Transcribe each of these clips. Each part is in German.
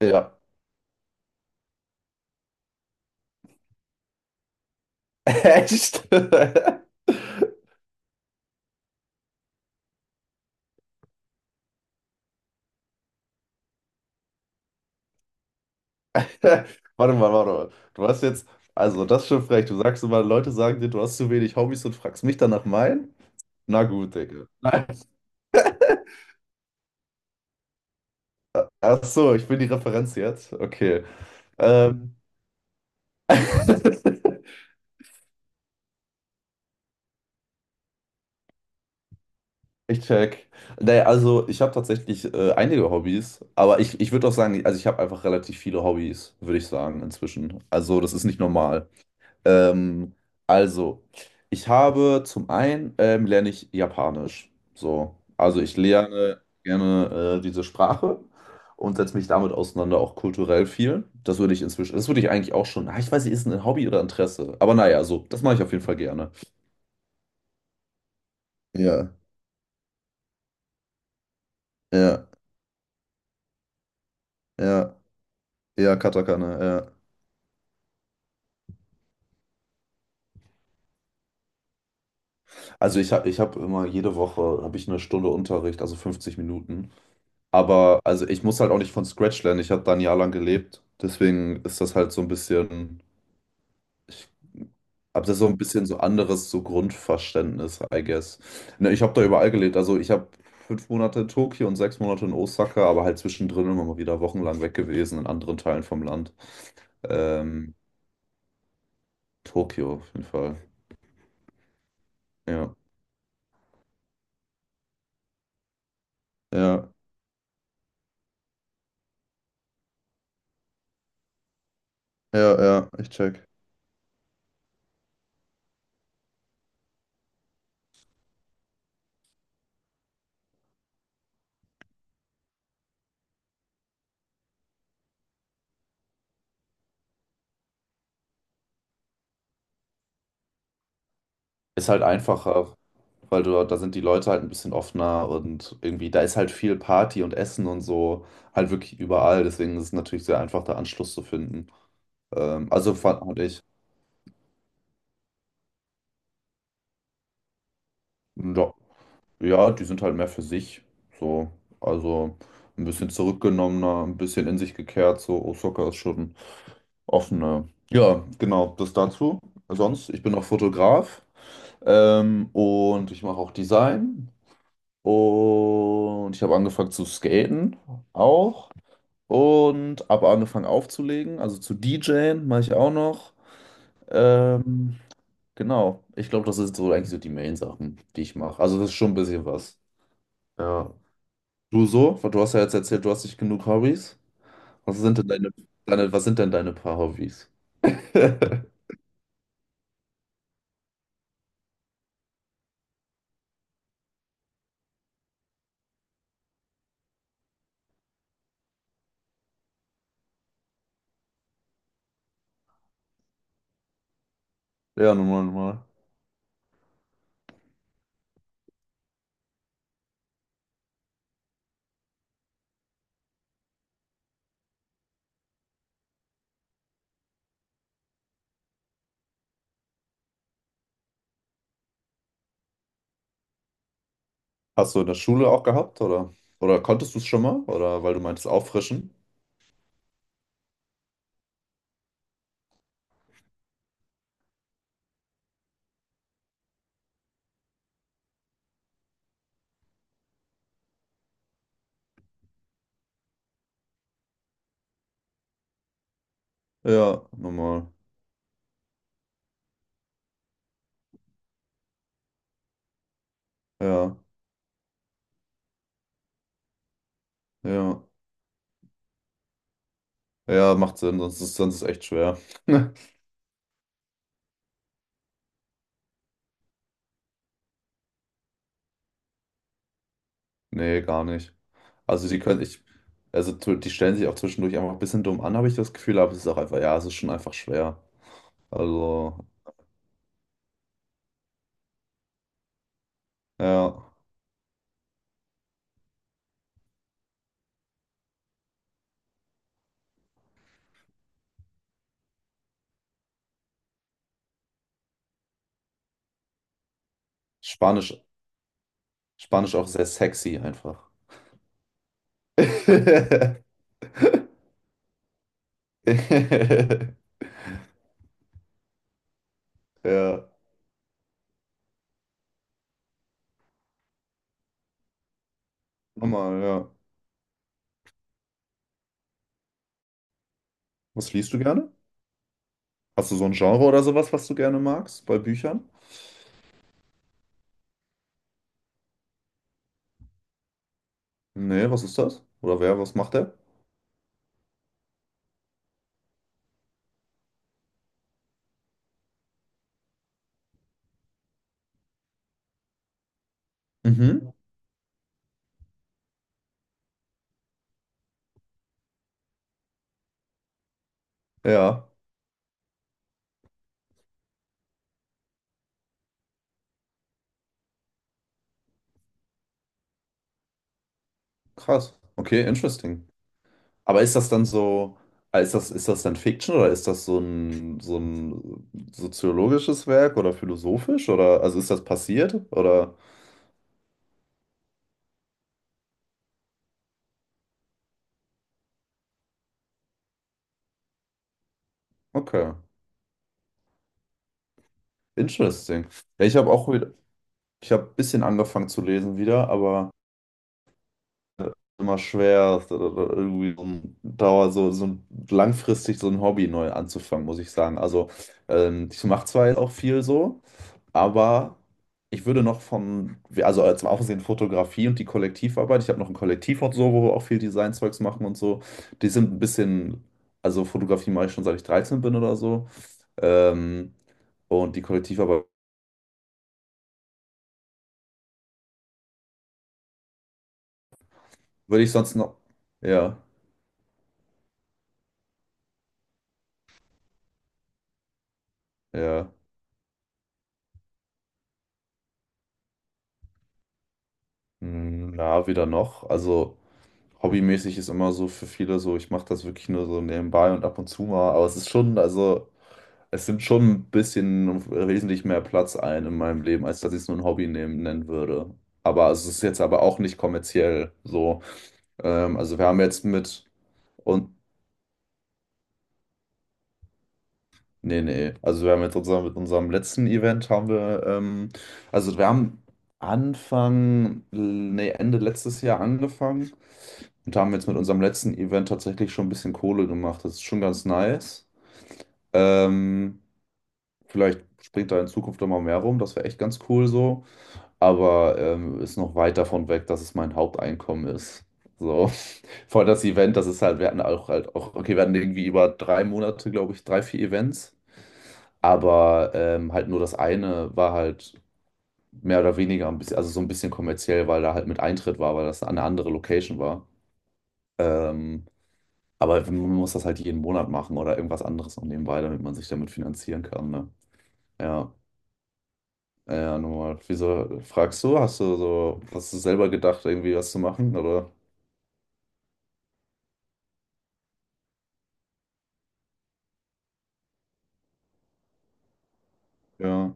Ja. Echt? Warte mal, warte mal. Du hast jetzt, also das ist schon frech. Du sagst immer, Leute sagen dir, du hast zu wenig Hobbys und fragst mich dann nach meinen? Na gut, Digga. Nein. Ach so, ich bin die Referenz jetzt. Okay. Ähm. Ich check. Nee, also ich habe tatsächlich einige Hobbys, aber ich würde auch sagen, also ich habe einfach relativ viele Hobbys, würde ich sagen, inzwischen. Also das ist nicht normal. Ähm, also, ich habe zum einen lerne ich Japanisch. So, also ich lerne gerne diese Sprache und setze mich damit auseinander, auch kulturell viel. Das würde ich inzwischen, das würde ich eigentlich auch schon. Ah, ich weiß nicht, ist ein Hobby oder Interesse. Aber naja, so, das mache ich auf jeden Fall gerne. Ja, ja, ja. Ja, Katakana, ja. Also ich hab immer jede Woche habe ich eine Stunde Unterricht, also 50 Minuten. Aber also ich muss halt auch nicht von Scratch lernen. Ich habe da ein Jahr lang gelebt. Deswegen ist das halt so ein bisschen, ich habe das so ein bisschen so anderes so Grundverständnis, I guess. Ne, ich habe da überall gelebt. Also ich habe 5 Monate in Tokio und 6 Monate in Osaka, aber halt zwischendrin immer mal wieder wochenlang weg gewesen in anderen Teilen vom Land. Ähm, Tokio auf jeden Fall. Ja. Ja, ja, ja, ich check. Ist halt einfacher, weil du, da sind die Leute halt ein bisschen offener und irgendwie, da ist halt viel Party und Essen und so, halt wirklich überall. Deswegen ist es natürlich sehr einfach, da Anschluss zu finden. Also fand ich, ja, ja, die sind halt mehr für sich. So, also ein bisschen zurückgenommener, ein bisschen in sich gekehrt. So, Osaka ist schon offener. Ja, genau, das dazu. Sonst, ich bin auch Fotograf und ich mache auch Design. Und ich habe angefangen zu skaten auch. Und habe angefangen aufzulegen, also zu DJen mache ich auch noch. Ähm, genau, ich glaube, das sind so eigentlich so die Main-Sachen, die ich mache. Also das ist schon ein bisschen was. Ja. Du so? Weil Du hast ja jetzt erzählt, du hast nicht genug Hobbys. Was sind denn deine, Was sind denn deine paar Hobbys? Ja, normal, normal. Hast du in der Schule auch gehabt, oder? Oder konntest du es schon mal? Oder weil du meintest auffrischen? Ja, normal. Ja, ja. Ja, macht Sinn, sonst ist echt schwer. Nee, gar nicht. Also die können ich, also die stellen sich auch zwischendurch einfach ein bisschen dumm an, habe ich das Gefühl, aber es ist auch einfach, ja, es ist schon einfach schwer. Also, ja. Spanisch, Spanisch auch sehr sexy einfach. Ja, nochmal, ja. Was liest du gerne? Hast du so ein Genre oder sowas, was du gerne magst bei Büchern? Nee, was ist das? Oder wer, was macht der? Mhm. Ja, krass. Okay, interesting. Aber ist das dann so, ist das dann Fiction oder ist das so ein soziologisches Werk oder philosophisch oder, also ist das passiert oder, okay, interesting. Ja, ich habe ein bisschen angefangen zu lesen wieder, aber. Immer schwer, ist oder irgendwie so ein Dauer, langfristig so ein Hobby neu anzufangen, muss ich sagen. Also ich mache zwar jetzt auch viel so, aber ich würde noch von, also zum Aufsehen Fotografie und die Kollektivarbeit, ich habe noch ein Kollektiv und so, wo wir auch viel Designzeugs machen und so, die sind ein bisschen, also Fotografie mache ich schon seit ich 13 bin oder so. Ähm, und die Kollektivarbeit würde ich sonst noch, ja, ja, ja, wieder noch, also. Hobbymäßig ist immer so für viele so, ich mache das wirklich nur so nebenbei und ab und zu mal, aber es ist schon, also es nimmt schon ein bisschen wesentlich mehr Platz ein in meinem Leben, als dass ich es nur ein Hobby nehmen, nennen würde. Aber es ist jetzt aber auch nicht kommerziell so. Also wir haben jetzt mit, und nee, nee. Also wir haben jetzt unser, mit unserem letzten Event haben wir, also wir haben Anfang, nee, Ende letztes Jahr angefangen und haben jetzt mit unserem letzten Event tatsächlich schon ein bisschen Kohle gemacht. Das ist schon ganz nice. Ähm, vielleicht springt da in Zukunft immer mehr rum, das wäre echt ganz cool so. Aber ist noch weit davon weg, dass es mein Haupteinkommen ist. So, vor allem das Event, das ist halt, wir hatten auch halt auch, okay, wir hatten irgendwie über 3 Monate, glaube ich, drei, vier Events. Aber halt nur das eine war halt mehr oder weniger ein bisschen, also so ein bisschen kommerziell, weil da halt mit Eintritt war, weil das eine andere Location war. Ähm, aber man muss das halt jeden Monat machen oder irgendwas anderes noch nebenbei, damit man sich damit finanzieren kann. Ne? Ja, ja, ja, nur mal. Wieso fragst du? Hast du so, hast du selber gedacht, irgendwie was zu machen? Oder? Ja.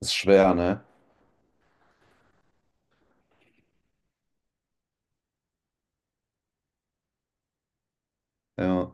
Ist schwer, ne? Ja.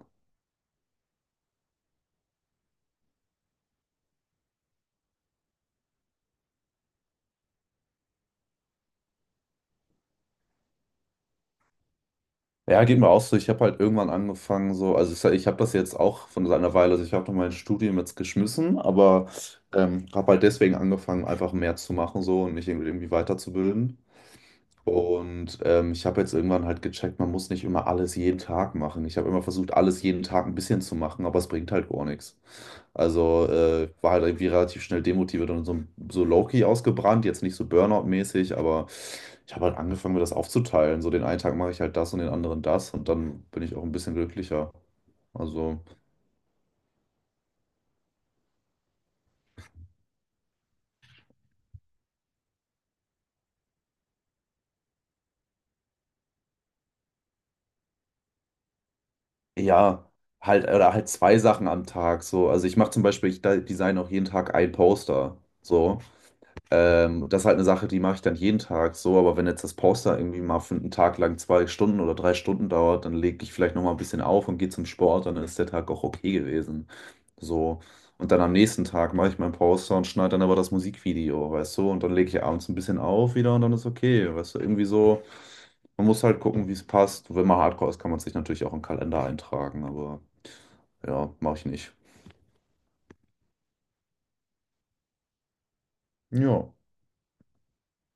Ja, geht mir auch so. Ich habe halt irgendwann angefangen, so, also ich, ich habe das jetzt auch von einer Weile, also ich habe noch mein Studium jetzt geschmissen, aber habe halt deswegen angefangen, einfach mehr zu machen so und mich irgendwie weiterzubilden. Und ich habe jetzt irgendwann halt gecheckt, man muss nicht immer alles jeden Tag machen. Ich habe immer versucht, alles jeden Tag ein bisschen zu machen, aber es bringt halt gar nichts. Also war halt irgendwie relativ schnell demotiviert und so, so low-key ausgebrannt, jetzt nicht so Burnout-mäßig, aber ich habe halt angefangen, mir das aufzuteilen. So den einen Tag mache ich halt das und den anderen das und dann bin ich auch ein bisschen glücklicher. Also ja, halt oder halt zwei Sachen am Tag so. Also ich mache zum Beispiel, ich design auch jeden Tag ein Poster. So. Das ist halt eine Sache, die mache ich dann jeden Tag so, aber wenn jetzt das Poster irgendwie mal für einen Tag lang 2 Stunden oder 3 Stunden dauert, dann lege ich vielleicht nochmal ein bisschen auf und gehe zum Sport, dann ist der Tag auch okay gewesen. So. Und dann am nächsten Tag mache ich mein Poster und schneide dann aber das Musikvideo, weißt du? Und dann lege ich abends ein bisschen auf wieder und dann ist okay, weißt du? Irgendwie so, man muss halt gucken, wie es passt. Wenn man Hardcore ist, kann man sich natürlich auch im Kalender eintragen, aber ja, mache ich nicht. Ja.